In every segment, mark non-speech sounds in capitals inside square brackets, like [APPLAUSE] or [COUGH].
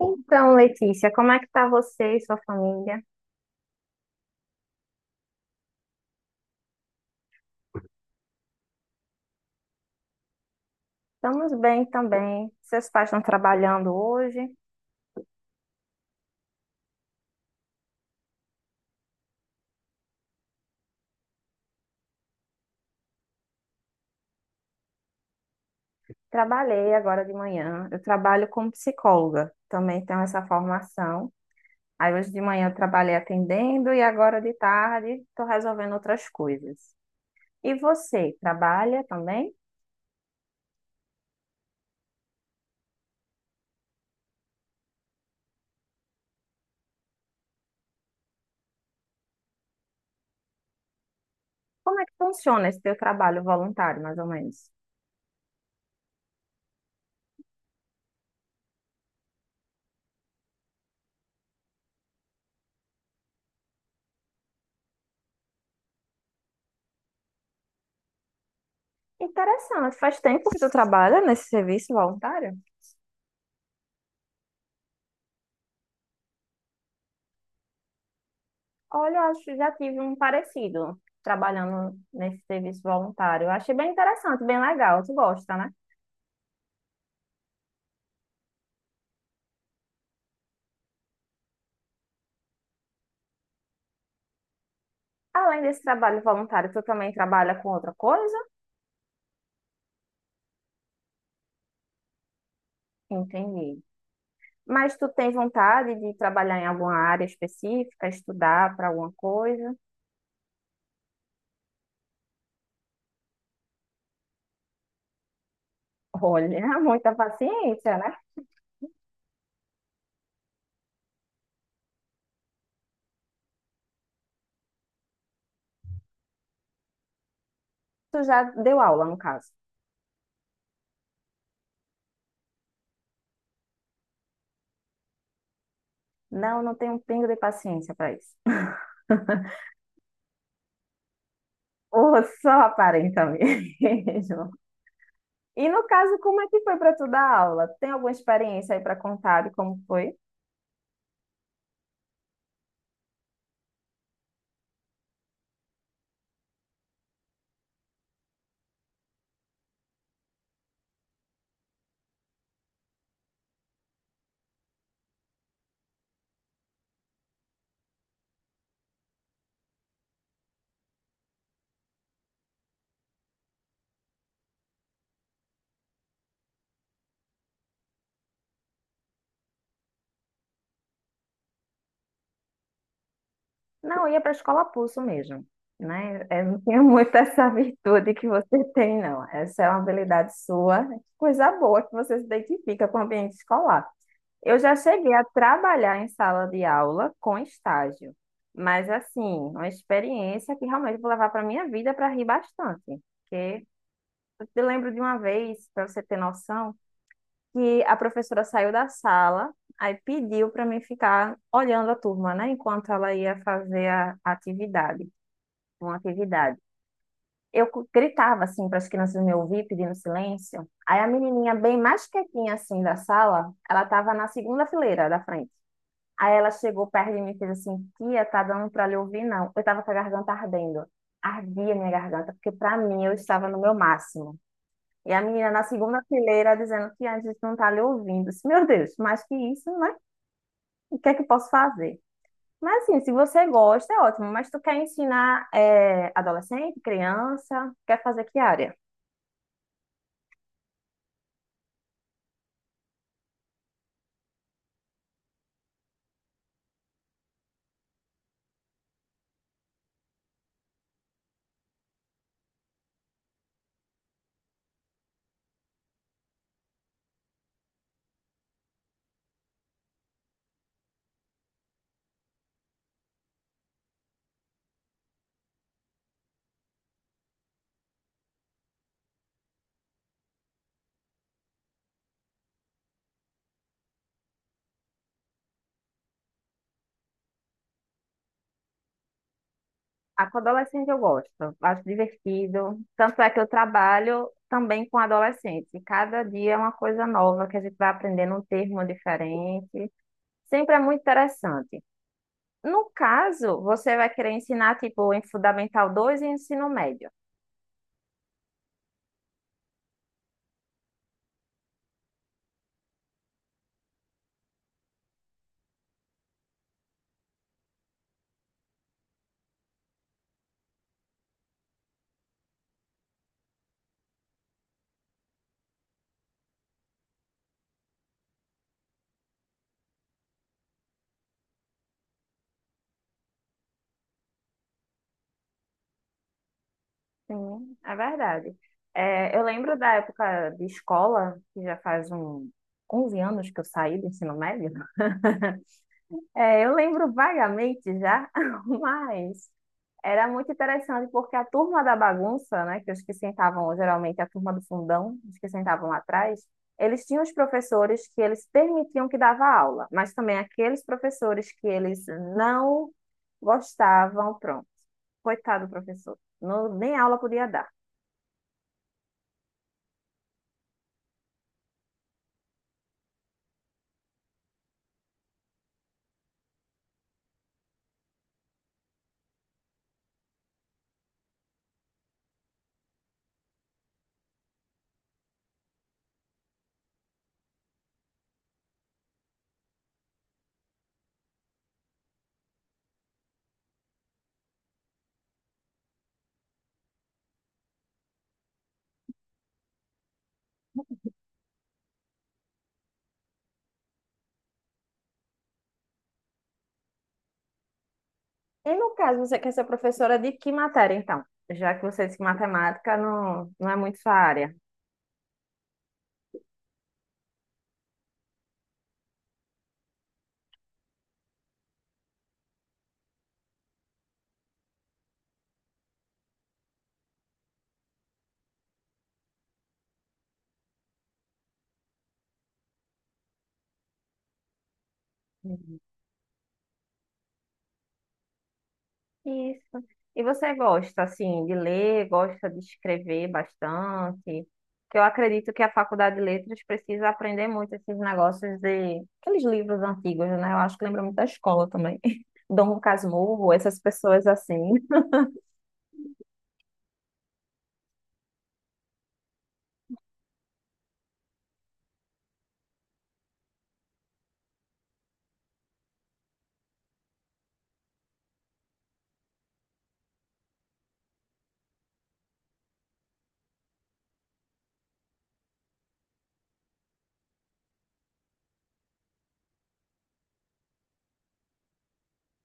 Então, Letícia, como é que tá você e sua família? Estamos bem também. Seus pais estão trabalhando hoje? Trabalhei agora de manhã. Eu trabalho como psicóloga, também tenho essa formação. Aí hoje de manhã eu trabalhei atendendo e agora de tarde estou resolvendo outras coisas. E você, trabalha também? Como é que funciona esse teu trabalho voluntário, mais ou menos? Interessante. Faz tempo que tu trabalha nesse serviço voluntário? Olha, eu acho que já tive um parecido trabalhando nesse serviço voluntário. Eu achei bem interessante, bem legal. Tu gosta, né? Além desse trabalho voluntário, tu também trabalha com outra coisa? Entendi. Mas tu tem vontade de trabalhar em alguma área específica, estudar para alguma coisa? Olha, [LAUGHS] muita paciência, né? Tu já deu aula, no caso. Não, não tenho um pingo de paciência para isso. Ou só aparenta mesmo. [LAUGHS] E no caso, como é que foi para tu dar aula? Tem alguma experiência aí para contar de como foi? Não, eu ia para a escola pulso mesmo, né? Eu não tinha [LAUGHS] muito essa virtude que você tem, não. Essa é uma habilidade sua, coisa boa que você se identifica com o ambiente escolar. Eu já cheguei a trabalhar em sala de aula com estágio, mas assim, uma experiência que realmente vou levar para minha vida para rir bastante, porque eu te lembro de uma vez, para você ter noção. Que a professora saiu da sala, aí pediu para mim ficar olhando a turma, né, enquanto ela ia fazer a atividade, uma atividade. Eu gritava assim para as crianças me ouvir, pedindo silêncio. Aí a menininha bem mais quietinha assim da sala, ela estava na segunda fileira da frente. Aí ela chegou perto de mim e fez assim: "Tia, tá dando para lhe ouvir não?". Eu estava com a garganta ardendo. Ardia minha garganta, porque para mim eu estava no meu máximo. E a menina na segunda fileira dizendo que a gente não tá lhe ouvindo. Eu disse, Meu Deus, mais que isso, né? O que é que eu posso fazer? Mas assim, se você gosta, é ótimo. Mas tu quer ensinar adolescente, criança? Quer fazer que área? A com adolescente eu gosto, acho divertido. Tanto é que eu trabalho também com adolescente. Cada dia é uma coisa nova que a gente vai aprendendo um termo diferente. Sempre é muito interessante. No caso, você vai querer ensinar, tipo, em Fundamental 2 e ensino médio. Sim, é verdade. É, eu lembro da época de escola, que já faz um 11 anos que eu saí do ensino médio. É, eu lembro vagamente já, [LAUGHS] mas era muito interessante porque a turma da bagunça, né, que os que sentavam geralmente a turma do fundão, os que sentavam lá atrás, eles tinham os professores que eles permitiam que dava aula, mas também aqueles professores que eles não gostavam, pronto. Coitado do professor, não, nem aula podia dar. E no caso, você quer ser professora de que matéria, então? Já que você disse que matemática não, não é muito sua área. Isso. E você gosta, assim, de ler, gosta de escrever bastante? Que eu acredito que a Faculdade de Letras precisa aprender muito esses negócios de... Aqueles livros antigos, né? Eu acho que lembra muito da escola também. [LAUGHS] Dom Casmurro, essas pessoas assim.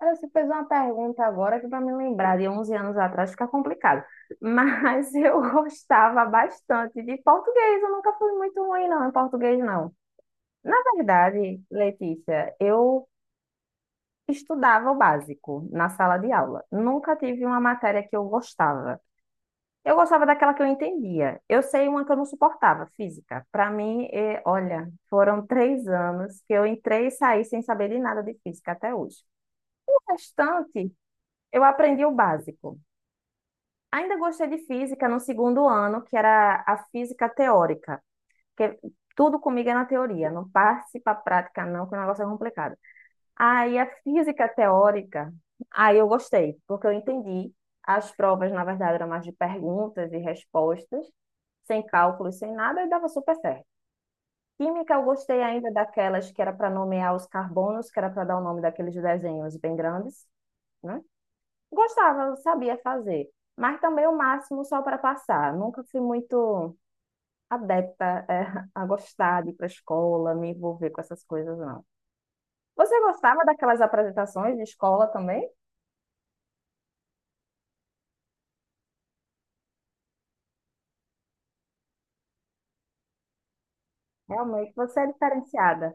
Ela se fez uma pergunta agora que para me lembrar de 11 anos atrás fica complicado. Mas [LAUGHS] eu gostava bastante de português. Eu nunca fui muito ruim, não, em português, não. Na verdade, Letícia, eu estudava o básico na sala de aula. Nunca tive uma matéria que eu gostava. Eu gostava daquela que eu entendia. Eu sei uma que eu não suportava, física. Para mim, é, olha, foram 3 anos que eu entrei e saí sem saber de nada de física até hoje. O restante, eu aprendi o básico. Ainda gostei de física no segundo ano, que era a física teórica, que tudo comigo é na teoria, não passe para a prática não, que o negócio é complicado. Aí a física teórica, aí eu gostei, porque eu entendi. As provas, na verdade, eram mais de perguntas e respostas, sem cálculos, sem nada, e dava super certo. Química, eu gostei ainda daquelas que era para nomear os carbonos, que era para dar o nome daqueles desenhos bem grandes, né? Gostava, eu sabia fazer, mas também o máximo só para passar. Nunca fui muito adepta, a gostar de ir para a escola, me envolver com essas coisas, não. Você gostava daquelas apresentações de escola também? Realmente, você é diferenciada.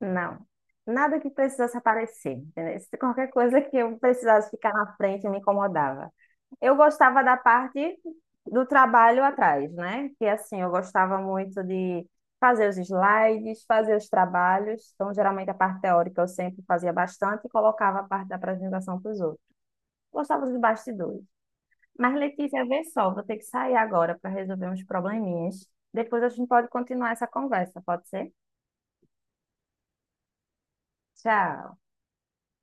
Não. Nada que precisasse aparecer, entendeu? Se qualquer coisa que eu precisasse ficar na frente me incomodava. Eu gostava da parte do trabalho atrás, né? Que assim, eu gostava muito de fazer os slides, fazer os trabalhos. Então, geralmente a parte teórica eu sempre fazia bastante e colocava a parte da apresentação para os outros. Gostava dos bastidores. Mas, Letícia, vê só, vou ter que sair agora para resolver uns probleminhas. Depois a gente pode continuar essa conversa, pode ser? Tchau.